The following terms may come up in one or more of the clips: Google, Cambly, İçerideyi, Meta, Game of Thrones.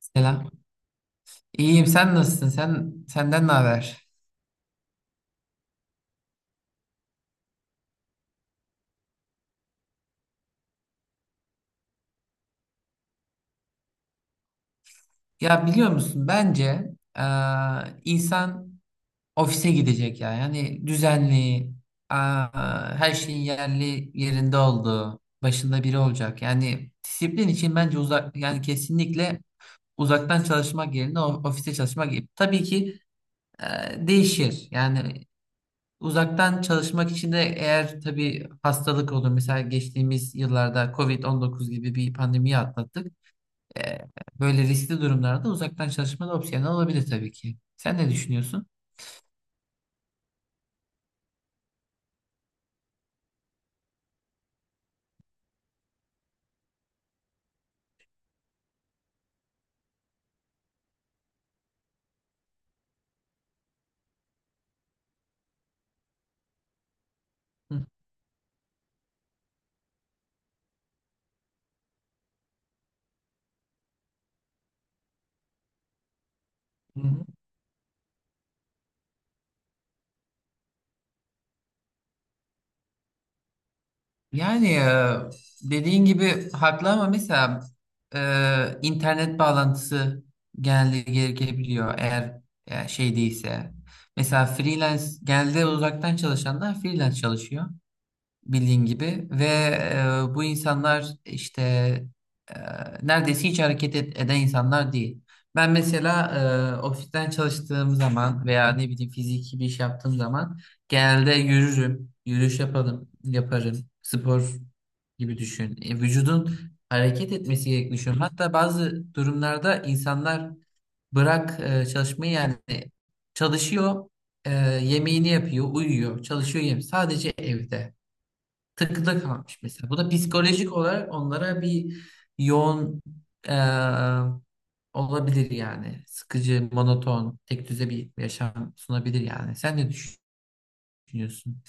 Selam. İyiyim. Sen nasılsın? Senden ne haber? Ya biliyor musun? Bence eee, insan ofise gidecek ya. Yani düzenli, her şeyin yerli yerinde olduğu, başında biri olacak. Yani disiplin için bence uzak, yani kesinlikle uzaktan çalışmak yerine ofiste çalışmak gibi. Tabii ki değişir. Yani uzaktan çalışmak için de eğer tabii hastalık olur. Mesela geçtiğimiz yıllarda covid dokuz gibi bir pandemiyi atlattık. E, Böyle riskli durumlarda uzaktan çalışma da opsiyonel olabilir tabii ki. Sen ne düşünüyorsun? Hı hı. Yani dediğin gibi haklı ama mesela internet bağlantısı genelde gerekebiliyor eğer şey değilse. Mesela freelance genelde uzaktan çalışanlar freelance çalışıyor. Bildiğin gibi ve bu insanlar işte e, neredeyse hiç eden insanlar değil. Ben mesela ofisten çalıştığım zaman veya ne bileyim fiziki bir iş yaptığım zaman genelde yürürüm, yürüyüş yapalım, yaparım. Spor gibi düşün. Vücudun hareket etmesi gerektiğini düşünüyorum. Hatta bazı durumlarda insanlar bırak çalışmayı yani çalışıyor, e, yemeğini yapıyor, uyuyor, çalışıyor, yemeği. Sadece evde takıda kalmış mesela. Bu da psikolojik olarak onlara bir yoğun e, olabilir yani. Sıkıcı, monoton, tek düze bir yaşam sunabilir yani. Sen ne düşünüyorsun?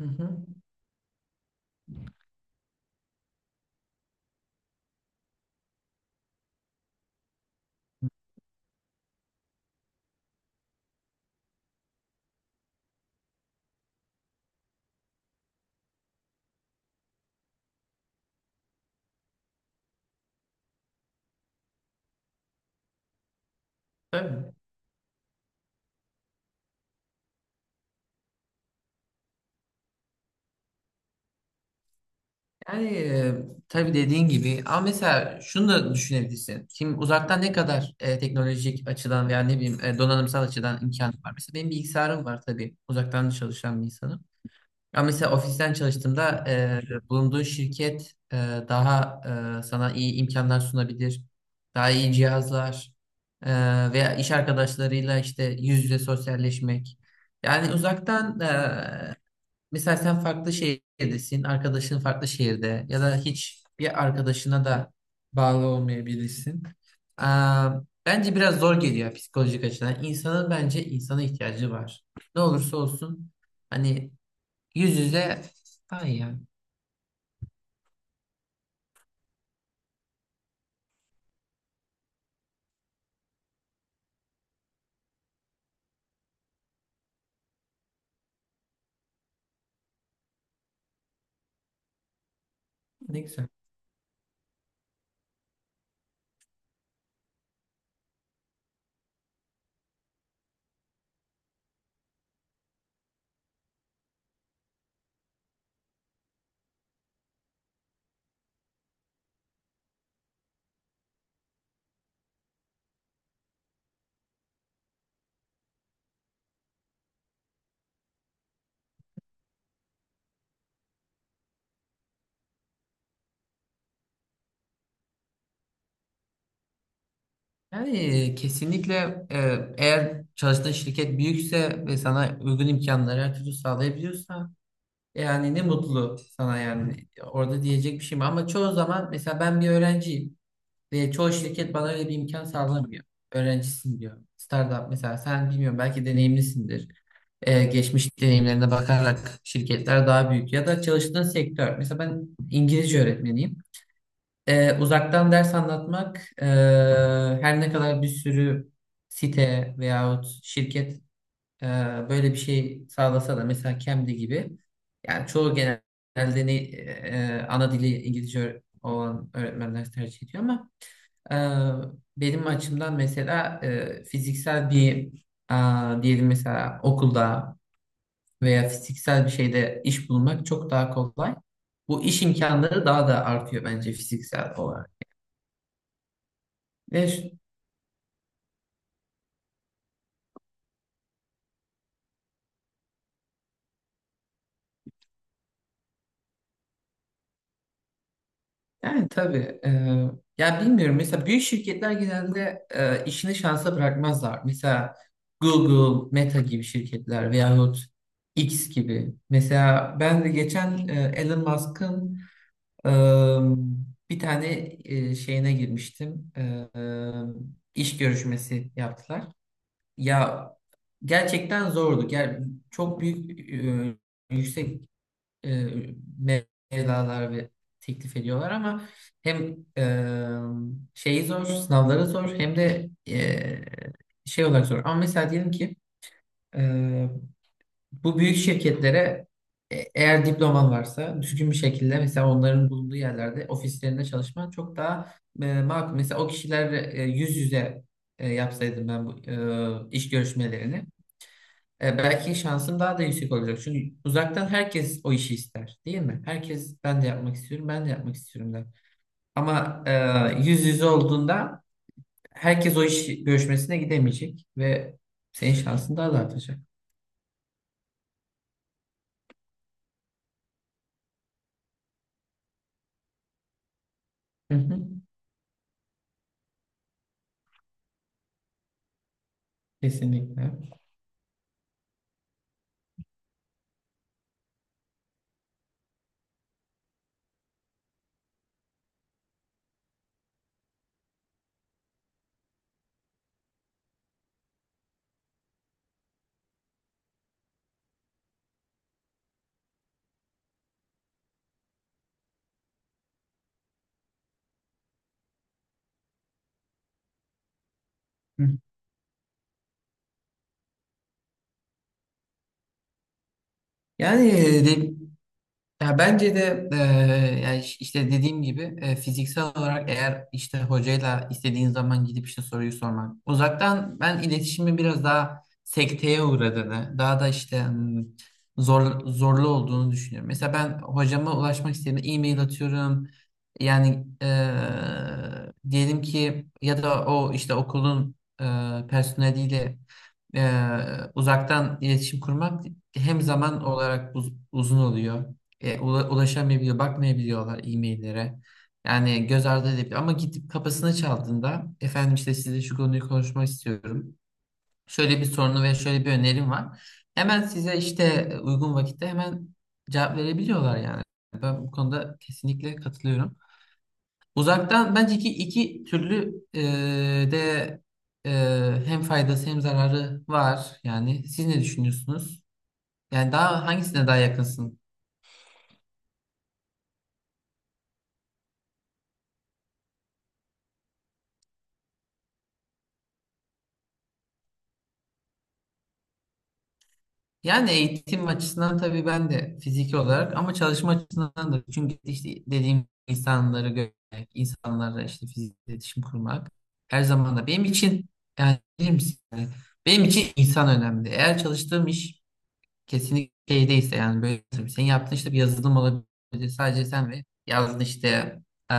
Hı hı, tabii. Yani tabii dediğin gibi ama mesela şunu da düşünebilirsin. Şimdi uzaktan ne kadar teknolojik açıdan veya ne bileyim donanımsal açıdan imkan var. Mesela benim bilgisayarım var tabii. Uzaktan da çalışan bir insanım. Ama mesela ofisten çalıştığımda bulunduğun şirket daha sana iyi imkanlar sunabilir. Daha iyi cihazlar e, veya iş arkadaşlarıyla işte yüz yüze sosyalleşmek. Yani uzaktan mesela sen farklı şehirdesin, arkadaşın farklı şehirde ya da hiç bir arkadaşına da bağlı olmayabilirsin. E, Bence biraz zor geliyor psikolojik açıdan. İnsanın bence insana ihtiyacı var. Ne olursa olsun. Hani yüz yüze. Ay ya, ne güzel. Yani kesinlikle eğer çalıştığın şirket büyükse ve sana uygun imkanları her türlü sağlayabiliyorsa yani ne mutlu sana yani orada diyecek bir şey mi? Ama çoğu zaman mesela ben bir öğrenciyim ve çoğu şirket bana öyle bir imkan sağlamıyor. Öğrencisin diyor. Startup mesela sen bilmiyorum belki deneyimlisindir. Geçmiş deneyimlerine bakarak şirketler daha büyük ya da çalıştığın sektör. Mesela ben İngilizce öğretmeniyim. Uzaktan ders anlatmak e, her ne kadar bir sürü site veyahut şirket e, böyle bir şey sağlasa da mesela Cambly gibi yani çoğu genelde ne, ana dili İngilizce olan öğretmenler tercih ediyor ama e, benim açımdan mesela fiziksel bir diyelim mesela okulda veya fiziksel bir şeyde iş bulmak çok daha kolay. Bu iş imkanları daha da artıyor bence fiziksel olarak. Yani tabii. Ya bilmiyorum. Mesela büyük şirketler genelde işini şansa bırakmazlar. Mesela Google, Meta gibi şirketler veyahut X gibi. Mesela ben de geçen Elon Musk'ın e, bir tane şeyine girmiştim. İş görüşmesi yaptılar. Ya gerçekten zordu. Çok büyük yüksek e, mevlalar ve teklif ediyorlar ama hem şeyi zor, sınavları zor hem de şey olarak zor. Ama mesela diyelim ki e, bu büyük şirketlere eğer diploman varsa düzgün bir şekilde mesela onların bulunduğu yerlerde ofislerinde çalışman çok daha makul. Mesela o kişiler yüz yüze yapsaydım ben bu iş görüşmelerini. Belki şansım daha da yüksek olacak. Çünkü uzaktan herkes o işi ister, değil mi? Herkes ben de yapmak istiyorum, ben de yapmak istiyorum der. Ama yüz yüze olduğunda herkes o iş görüşmesine gidemeyecek ve senin şansın daha da artacak. Hı hı, kesinlikle. Hı. Yani ya bence de yani işte dediğim gibi fiziksel olarak eğer işte hocayla istediğin zaman gidip işte soruyu sormak. Uzaktan ben iletişimin biraz daha sekteye uğradığını, daha da işte zorlu olduğunu düşünüyorum. Mesela ben hocama ulaşmak istediğimde e-mail atıyorum. Yani diyelim ki ya da o işte okulun personeliyle uzaktan iletişim kurmak hem zaman olarak uzun oluyor ulaşamayabiliyor, bakmayabiliyorlar e-maillere. Yani göz ardı edebiliyor. Ama gidip kapısını çaldığında efendim işte size şu konuyu konuşmak istiyorum. Şöyle bir sorunu ve şöyle bir önerim var. Hemen size işte uygun vakitte hemen cevap verebiliyorlar yani. Ben bu konuda kesinlikle katılıyorum. Uzaktan bence iki türlü de e, hem faydası hem zararı var. Yani siz ne düşünüyorsunuz? Yani daha hangisine daha yakınsın? Yani eğitim açısından tabii ben de fiziki olarak ama çalışma açısından da çünkü işte dediğim insanları görmek, insanlarla işte fiziksel iletişim kurmak her zaman da benim için yani bilir misin? Yani benim için insan önemli. Eğer çalıştığım iş kesinlikle şeydeyse yani böyle tabii senin yaptığın işte bir yazılım olabilir. Sadece sen ve yazdığın işte eee,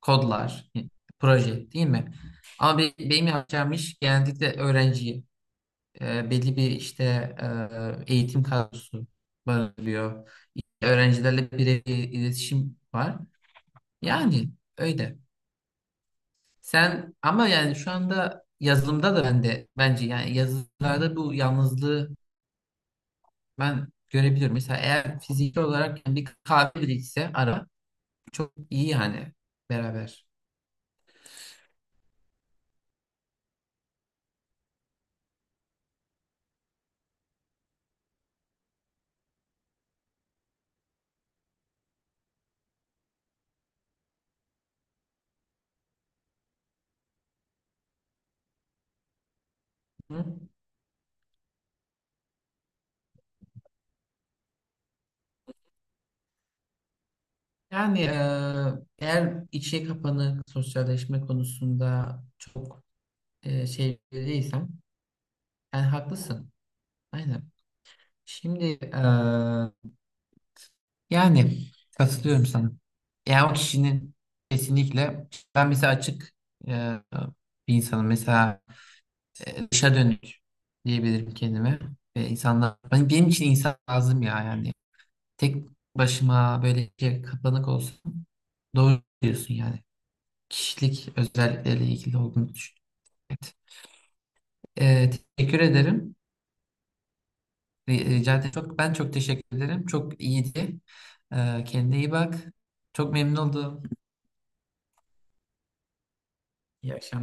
kodlar, proje değil mi? Ama benim yapacağım iş genellikle öğrenciye belli bir işte eğitim kadrosu barındırıyor. Öğrencilerle birebir iletişim var. Yani öyle. Sen ama yani şu anda yazılımda da ben de bence yani yazılımlarda bu yalnızlığı ben görebiliyorum. Mesela eğer fiziki olarak yani bir kahve bile içse ara çok iyi yani beraber. Hı? Yani eğer içe kapanık sosyalleşme konusunda çok şey değilsem yani haklısın. Aynen. Şimdi eee, yani katılıyorum sana. Yani o kişinin kesinlikle ben mesela açık eee, bir insanım. Mesela dışa dönük diyebilirim kendime. Ve insanlar hani benim için insan lazım ya yani. Tek başıma böyle şey kapanık olsun. Doğru diyorsun yani. Kişilik özellikleriyle ilgili olduğunu düşünüyorum. Evet. Eee, Teşekkür ederim. Rica ederim. Ben çok teşekkür ederim. Çok iyiydi. Kendine iyi bak. Çok memnun oldum. İyi akşamlar.